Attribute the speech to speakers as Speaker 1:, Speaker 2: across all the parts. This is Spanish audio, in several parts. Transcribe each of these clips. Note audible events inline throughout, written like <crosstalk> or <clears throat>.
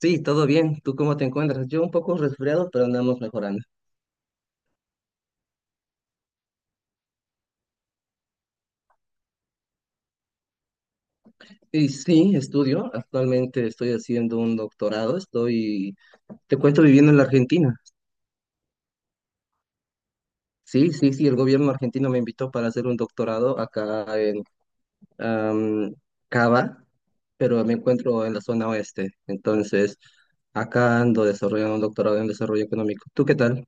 Speaker 1: Sí, todo bien. ¿Tú cómo te encuentras? Yo un poco resfriado, pero andamos mejorando. Y sí, estudio. Actualmente estoy haciendo un doctorado. Estoy, te cuento, viviendo en la Argentina. Sí, sí, sí, el gobierno argentino me invitó para hacer un doctorado acá en am, Cava, pero me encuentro en la zona oeste. Entonces, acá ando desarrollando un doctorado en desarrollo económico. ¿Tú qué tal?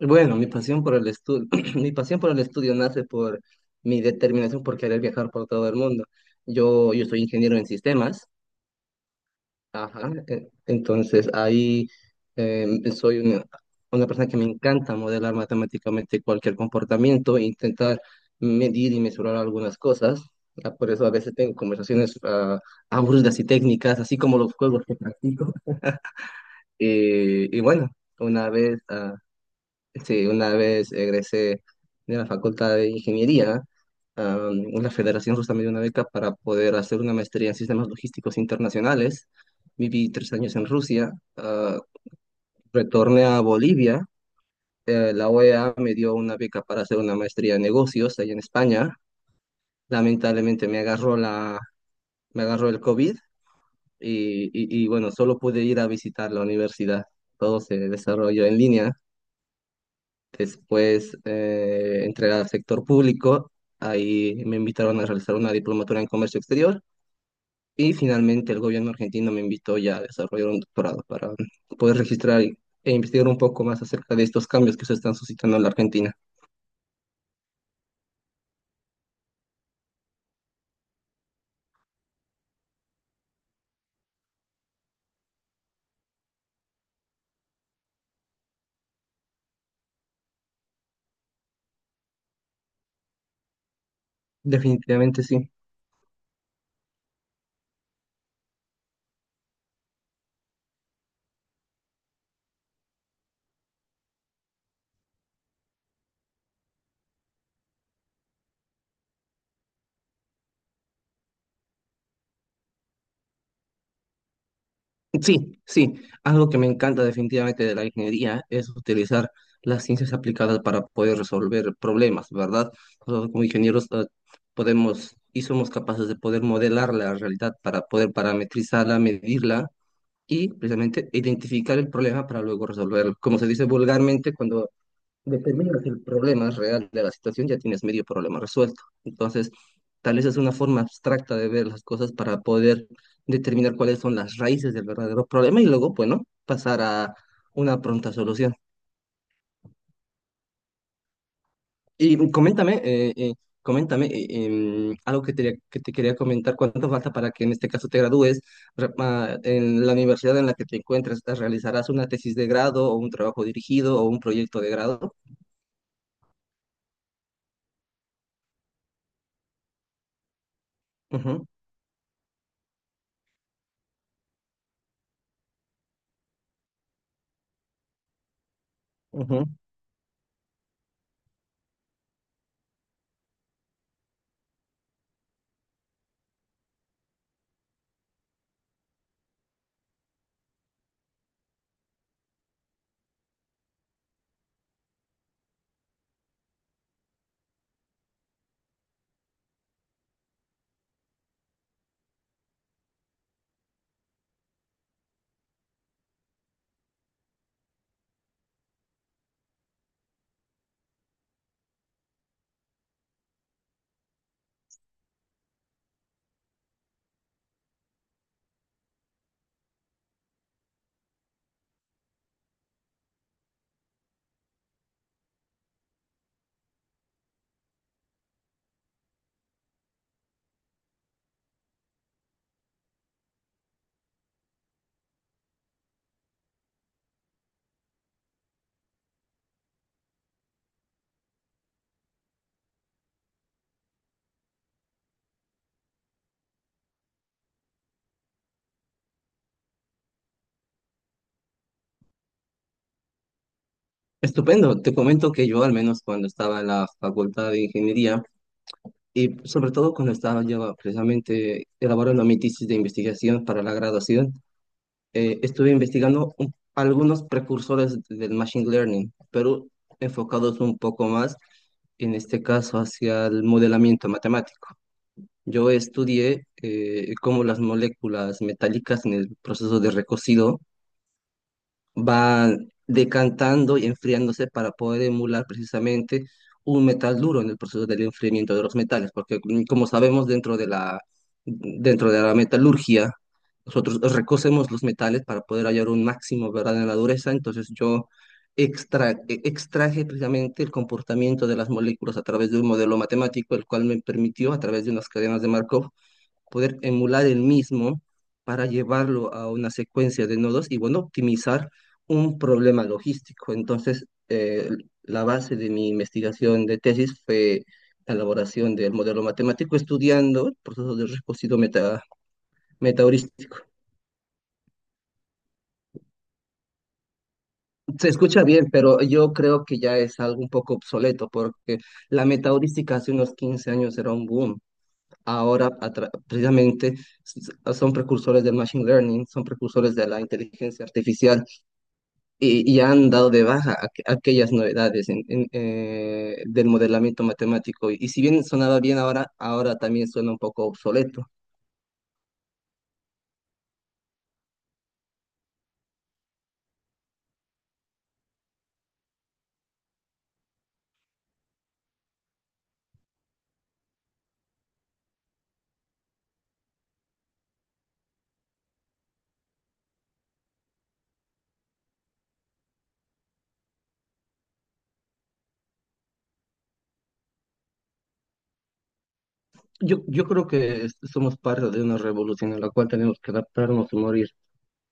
Speaker 1: Bueno, mi pasión por el estudio, <clears throat> mi pasión por el estudio nace por mi determinación por querer viajar por todo el mundo. Yo soy ingeniero en sistemas, ajá, entonces ahí eh, soy una persona que me encanta modelar matemáticamente cualquier comportamiento, e intentar medir y mesurar algunas cosas. Ah, por eso a veces tengo conversaciones aburridas y técnicas, así como los juegos que practico. Y bueno, una vez... ah, Sí, una vez egresé de la Facultad de Ingeniería, la Federación justo me dio una beca para poder hacer una maestría en sistemas logísticos internacionales. Viví 3 años en Rusia, ah, retorné a Bolivia. La OEA me dio una beca para hacer una maestría en negocios allá en España. Lamentablemente me agarró el COVID y, bueno, solo pude ir a visitar la universidad. Todo se desarrolló en línea. Después entré al sector público, ahí me invitaron a realizar una diplomatura en comercio exterior y finalmente el gobierno argentino me invitó ya a desarrollar un doctorado para poder registrar e investigar un poco más acerca de estos cambios que se están suscitando en la Argentina. Definitivamente sí. Sí, sí, algo que me encanta definitivamente de la ingeniería es utilizar las ciencias aplicadas para poder resolver problemas, ¿verdad? Nosotros como ingenieros podemos y somos capaces de poder modelar la realidad para poder parametrizarla, medirla y precisamente identificar el problema para luego resolverlo. Como se dice vulgarmente, cuando determinas el problema real de la situación, ya tienes medio problema resuelto. Entonces, tal vez es una forma abstracta de ver las cosas para poder determinar cuáles son las raíces del verdadero problema y luego, bueno, pasar a una pronta solución. Y coméntame, algo que te quería comentar, cuánto falta para que en este caso te gradúes en la universidad en la que te encuentres. ¿Realizarás una tesis de grado o un trabajo dirigido o un proyecto de grado? Ujú, ujú. Estupendo, te comento que yo al menos cuando estaba en la Facultad de Ingeniería y sobre todo cuando estaba yo precisamente elaborando mi tesis de investigación para la graduación, estuve investigando algunos precursores del Machine Learning, pero enfocados un poco más, en este caso, hacia el modelamiento matemático. Yo estudié cómo las moléculas metálicas en el proceso de recocido van decantando y enfriándose para poder emular precisamente un metal duro en el proceso del enfriamiento de los metales, porque como sabemos dentro de la metalurgia, nosotros recocemos los metales para poder hallar un máximo, ¿verdad?, en la dureza. Entonces yo extraje precisamente el comportamiento de las moléculas a través de un modelo matemático, el cual me permitió, a través de unas cadenas de Markov, poder emular el mismo para llevarlo a una secuencia de nodos y, bueno, optimizar un problema logístico. Entonces, la base de mi investigación de tesis fue la elaboración del modelo matemático estudiando el proceso de metaheurístico. Se escucha bien, pero yo creo que ya es algo un poco obsoleto porque la metaheurística hace unos 15 años era un boom. Ahora a precisamente son precursores del Machine Learning, son precursores de la inteligencia artificial y han dado de baja aquellas novedades del modelamiento matemático. Y, si bien sonaba bien ahora, ahora también suena un poco obsoleto. Yo creo que somos parte de una revolución en la cual tenemos que adaptarnos y morir.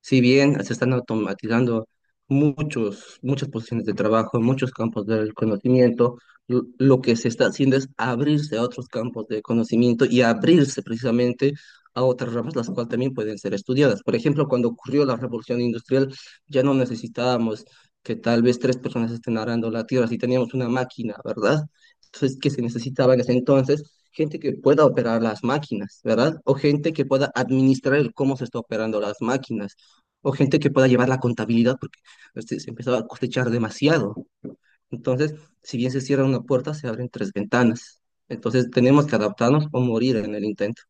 Speaker 1: Si bien se están automatizando muchas posiciones de trabajo, muchos campos del conocimiento, lo que se está haciendo es abrirse a otros campos de conocimiento y abrirse precisamente a otras ramas, las cuales también pueden ser estudiadas. Por ejemplo, cuando ocurrió la revolución industrial, ya no necesitábamos que tal vez tres personas estén arando la tierra, si teníamos una máquina, ¿verdad? Entonces, que se necesitaba en ese entonces gente que pueda operar las máquinas, ¿verdad? O gente que pueda administrar el cómo se está operando las máquinas, o gente que pueda llevar la contabilidad porque este, se empezaba a cosechar demasiado. Entonces, si bien se cierra una puerta, se abren tres ventanas. Entonces, tenemos que adaptarnos o morir en el intento.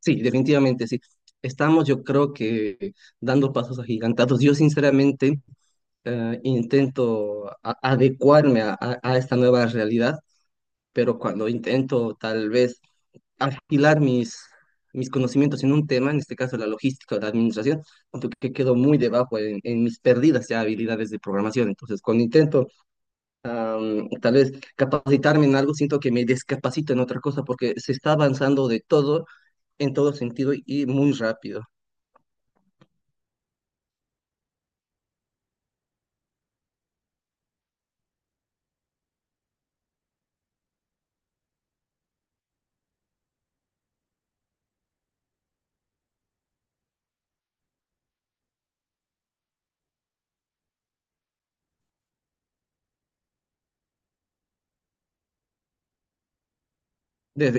Speaker 1: Sí, definitivamente sí. Estamos, yo creo que, dando pasos agigantados. Yo, sinceramente, intento adecuarme a esta nueva realidad, pero cuando intento tal vez afilar mis conocimientos en un tema, en este caso la logística o la administración, aunque quedo muy debajo en mis perdidas ya habilidades de programación. Entonces, cuando intento tal vez capacitarme en algo, siento que me descapacito en otra cosa porque se está avanzando de todo, en todo sentido y muy rápido. Def-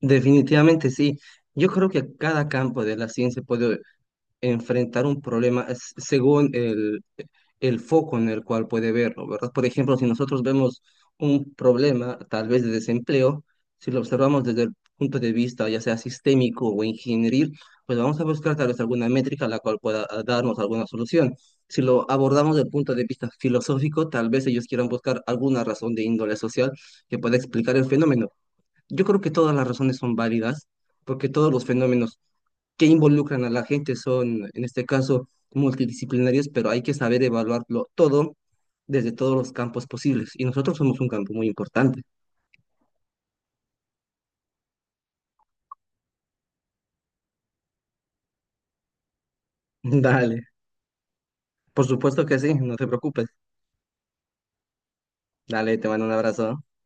Speaker 1: Definitivamente sí. Yo creo que cada campo de la ciencia puede enfrentar un problema según el foco en el cual puede verlo, ¿verdad? Por ejemplo, si nosotros vemos un problema, tal vez de desempleo, si lo observamos desde el punto de vista ya sea sistémico o ingenieril, pues vamos a buscar tal vez alguna métrica la cual pueda darnos alguna solución. Si lo abordamos desde el punto de vista filosófico, tal vez ellos quieran buscar alguna razón de índole social que pueda explicar el fenómeno. Yo creo que todas las razones son válidas, porque todos los fenómenos que involucran a la gente son, en este caso, multidisciplinarios, pero hay que saber evaluarlo todo desde todos los campos posibles. Y nosotros somos un campo muy importante. <laughs> Dale, por supuesto que sí, no te preocupes. Dale, te mando un abrazo.